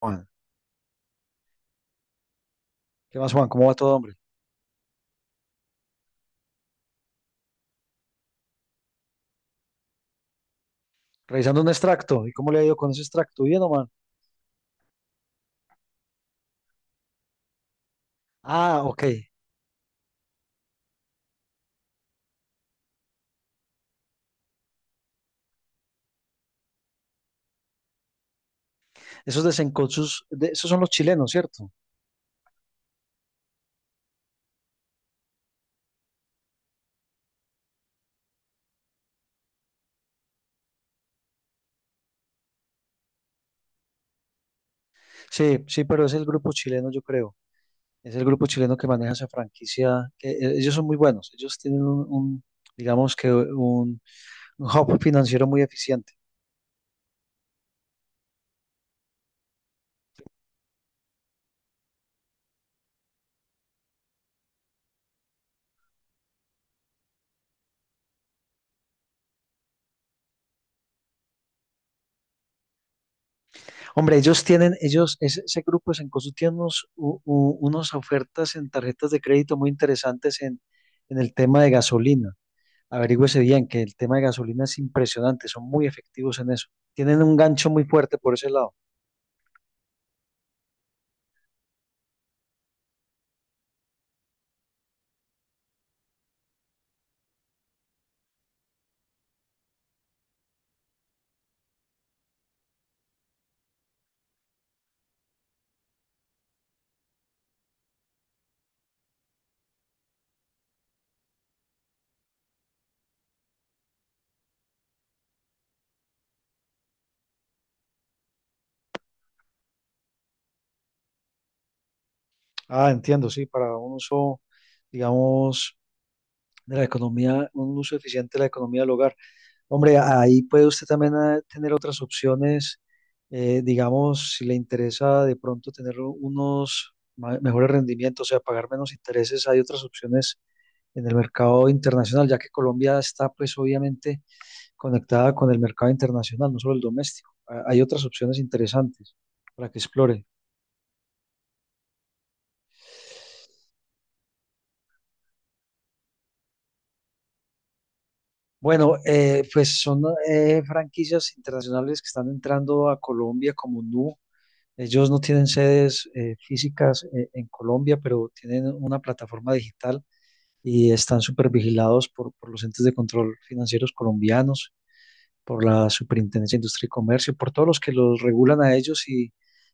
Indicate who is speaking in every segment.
Speaker 1: Juan. ¿Qué más, Juan? ¿Cómo va todo, hombre? Revisando un extracto. ¿Y cómo le ha ido con ese extracto? Bien, o man. Ah, ok. Esos desencochos, esos son los chilenos, ¿cierto? Sí, sí, pero es el grupo chileno, yo creo. Es el grupo chileno que maneja esa franquicia. Ellos son muy buenos. Ellos tienen digamos que un hub financiero muy eficiente. Hombre, ellos tienen, ellos, ese grupo de Sencosu tiene unos, unas ofertas en tarjetas de crédito muy interesantes en el tema de gasolina. Averígüese bien que el tema de gasolina es impresionante, son muy efectivos en eso. Tienen un gancho muy fuerte por ese lado. Ah, entiendo, sí, para un uso, digamos, de la economía, un uso eficiente de la economía del hogar. Hombre, ahí puede usted también tener otras opciones, digamos, si le interesa de pronto tener unos mejores rendimientos, o sea, pagar menos intereses, hay otras opciones en el mercado internacional, ya que Colombia está, pues, obviamente conectada con el mercado internacional, no solo el doméstico. Ah, hay otras opciones interesantes para que explore. Bueno, pues son franquicias internacionales que están entrando a Colombia como Nu. Ellos no tienen sedes físicas en Colombia, pero tienen una plataforma digital y están súper vigilados por los entes de control financieros colombianos, por la Superintendencia de Industria y Comercio, por todos los que los regulan a ellos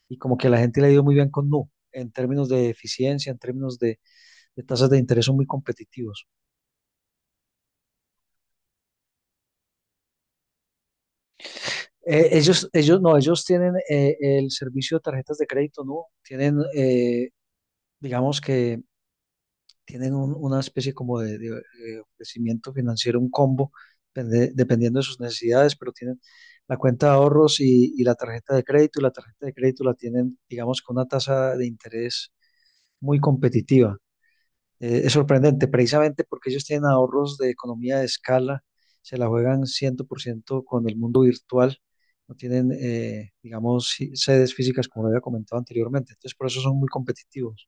Speaker 1: y como que a la gente le ha ido muy bien con Nu en términos de eficiencia, en términos de tasas de interés son muy competitivos. No, ellos tienen el servicio de tarjetas de crédito, ¿no? Tienen, digamos que tienen una especie como ofrecimiento financiero, un combo, dependiendo de sus necesidades, pero tienen la cuenta de ahorros y la tarjeta de crédito, y la tarjeta de crédito la tienen, digamos, con una tasa de interés muy competitiva. Es sorprendente, precisamente porque ellos tienen ahorros de economía de escala, se la juegan 100% con el mundo virtual, no tienen, digamos, sedes físicas como lo había comentado anteriormente, entonces por eso son muy competitivos.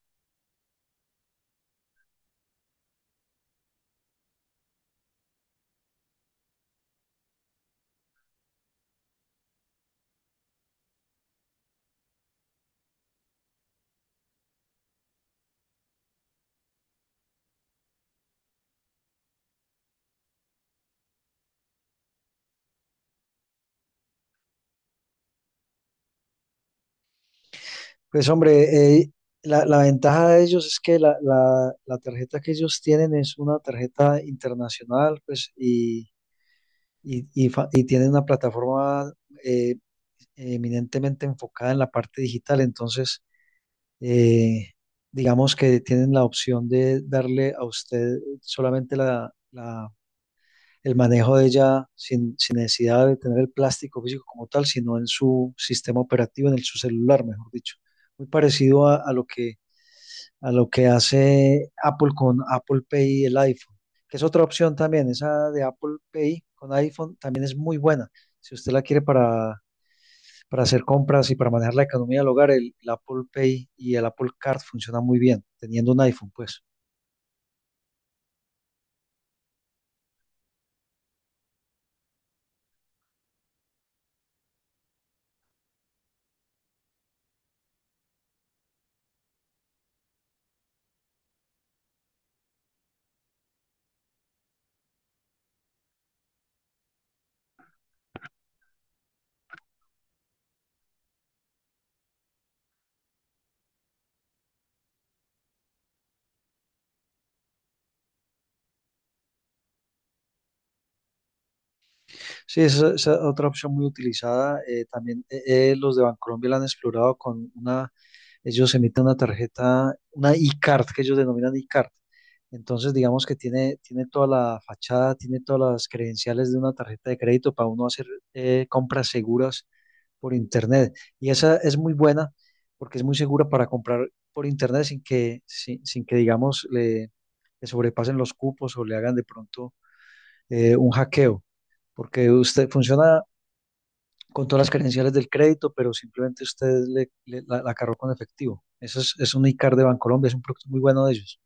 Speaker 1: Pues hombre, la ventaja de ellos es que la tarjeta que ellos tienen es una tarjeta internacional, pues, y tienen una plataforma eh, eminentemente enfocada en la parte digital, entonces eh, digamos que tienen la opción de darle a usted solamente el manejo de ella, sin necesidad de tener el plástico físico como tal, sino en su sistema operativo, en el, su celular, mejor dicho. Muy parecido a lo que hace Apple con Apple Pay y el iPhone, que es otra opción también, esa de Apple Pay con iPhone también es muy buena. Si usted la quiere para hacer compras y para manejar la economía del hogar, el Apple Pay y el Apple Card funcionan muy bien, teniendo un iPhone, pues. Sí, esa es otra opción muy utilizada. También Los de Bancolombia la han explorado con una, ellos emiten una tarjeta, una e-card, que ellos denominan e-card. Entonces, digamos que tiene, tiene toda la fachada, tiene todas las credenciales de una tarjeta de crédito para uno hacer compras seguras por internet. Y esa es muy buena porque es muy segura para comprar por internet sin que digamos, le sobrepasen los cupos o le hagan de pronto un hackeo, porque usted funciona con todas las credenciales del crédito, pero simplemente usted la cargó con efectivo. Es un iCard de Bancolombia, es un producto muy bueno de ellos.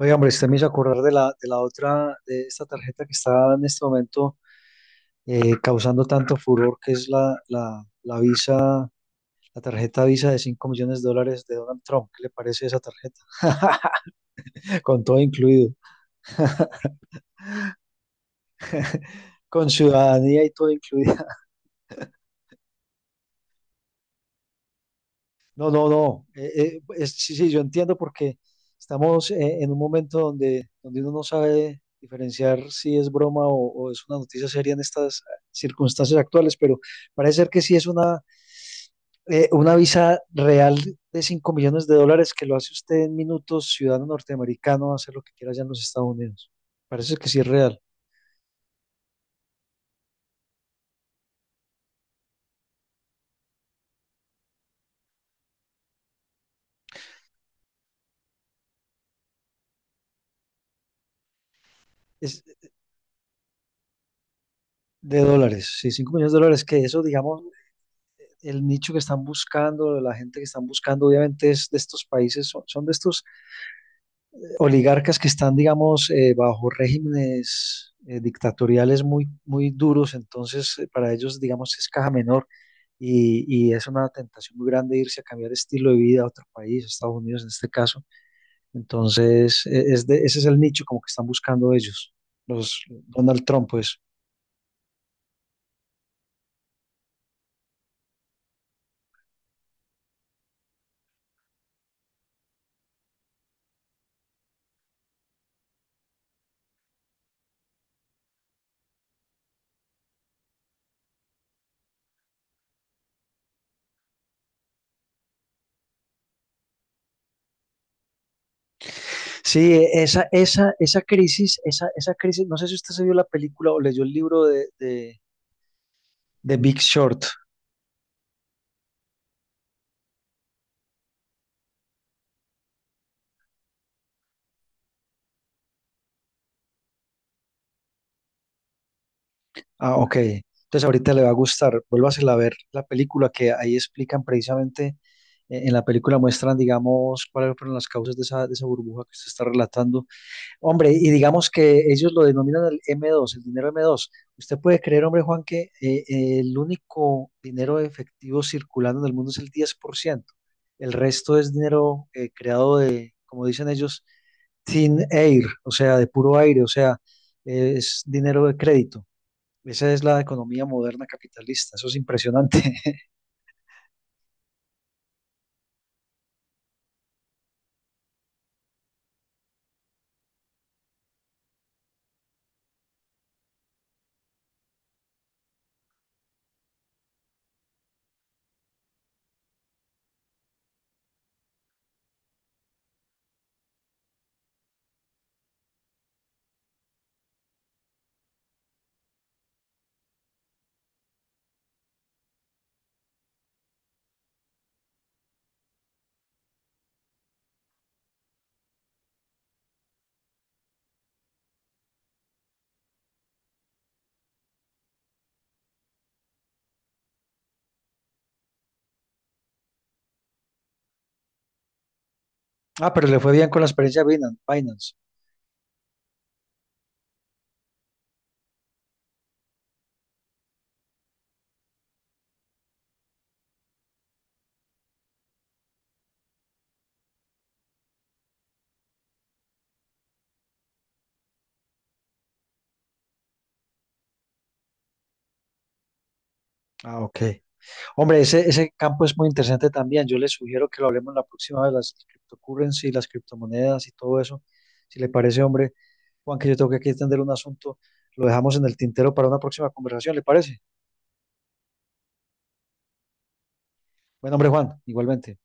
Speaker 1: Oiga, hombre, usted me hizo acordar de la otra, de esta tarjeta que está en este momento causando tanto furor, que es la Visa. La tarjeta Visa de 5 millones de dólares de Donald Trump. ¿Qué le parece esa tarjeta? Con todo incluido. Con ciudadanía y todo incluido. No, no, no. Sí, sí, yo entiendo porque estamos en un momento donde, donde uno no sabe diferenciar si es broma o es una noticia seria en estas circunstancias actuales, pero parece ser que sí es una visa real de 5 millones de dólares que lo hace usted en minutos, ciudadano norteamericano, hacer lo que quiera allá en los Estados Unidos. Parece que sí es real. Es, De dólares, sí, 5 millones de dólares, que eso, digamos, el nicho que están buscando, la gente que están buscando, obviamente es de estos países, son de estos oligarcas que están, digamos, bajo regímenes dictatoriales muy, muy duros, entonces para ellos, digamos, es caja menor y es una tentación muy grande irse a cambiar estilo de vida a otro país, Estados Unidos en este caso. Entonces, ese es el nicho como que están buscando ellos, los Donald Trump, pues. Sí, esa crisis, esa crisis, no sé si usted se vio la película o leyó el libro de Big Short. Ah, ok. Entonces ahorita le va a gustar. Vuélvasela a ver la película que ahí explican precisamente, en la película muestran, digamos, cuáles fueron las causas de esa burbuja que usted está relatando. Hombre, y digamos que ellos lo denominan el M2, el dinero M2. Usted puede creer, hombre Juan, que el único dinero efectivo circulando en el mundo es el 10%. El resto es dinero creado de, como dicen ellos, thin air, o sea, de puro aire, o sea, es dinero de crédito. Esa es la economía moderna capitalista. Eso es impresionante. Ah, pero le fue bien con la experiencia de Binance. Ah, ok. Hombre, ese campo es muy interesante también. Yo les sugiero que lo hablemos la próxima vez, las cryptocurrency, las criptomonedas y todo eso. Si le parece, hombre, Juan, que yo tengo que aquí atender un asunto, lo dejamos en el tintero para una próxima conversación, ¿le parece? Bueno, hombre, Juan, igualmente.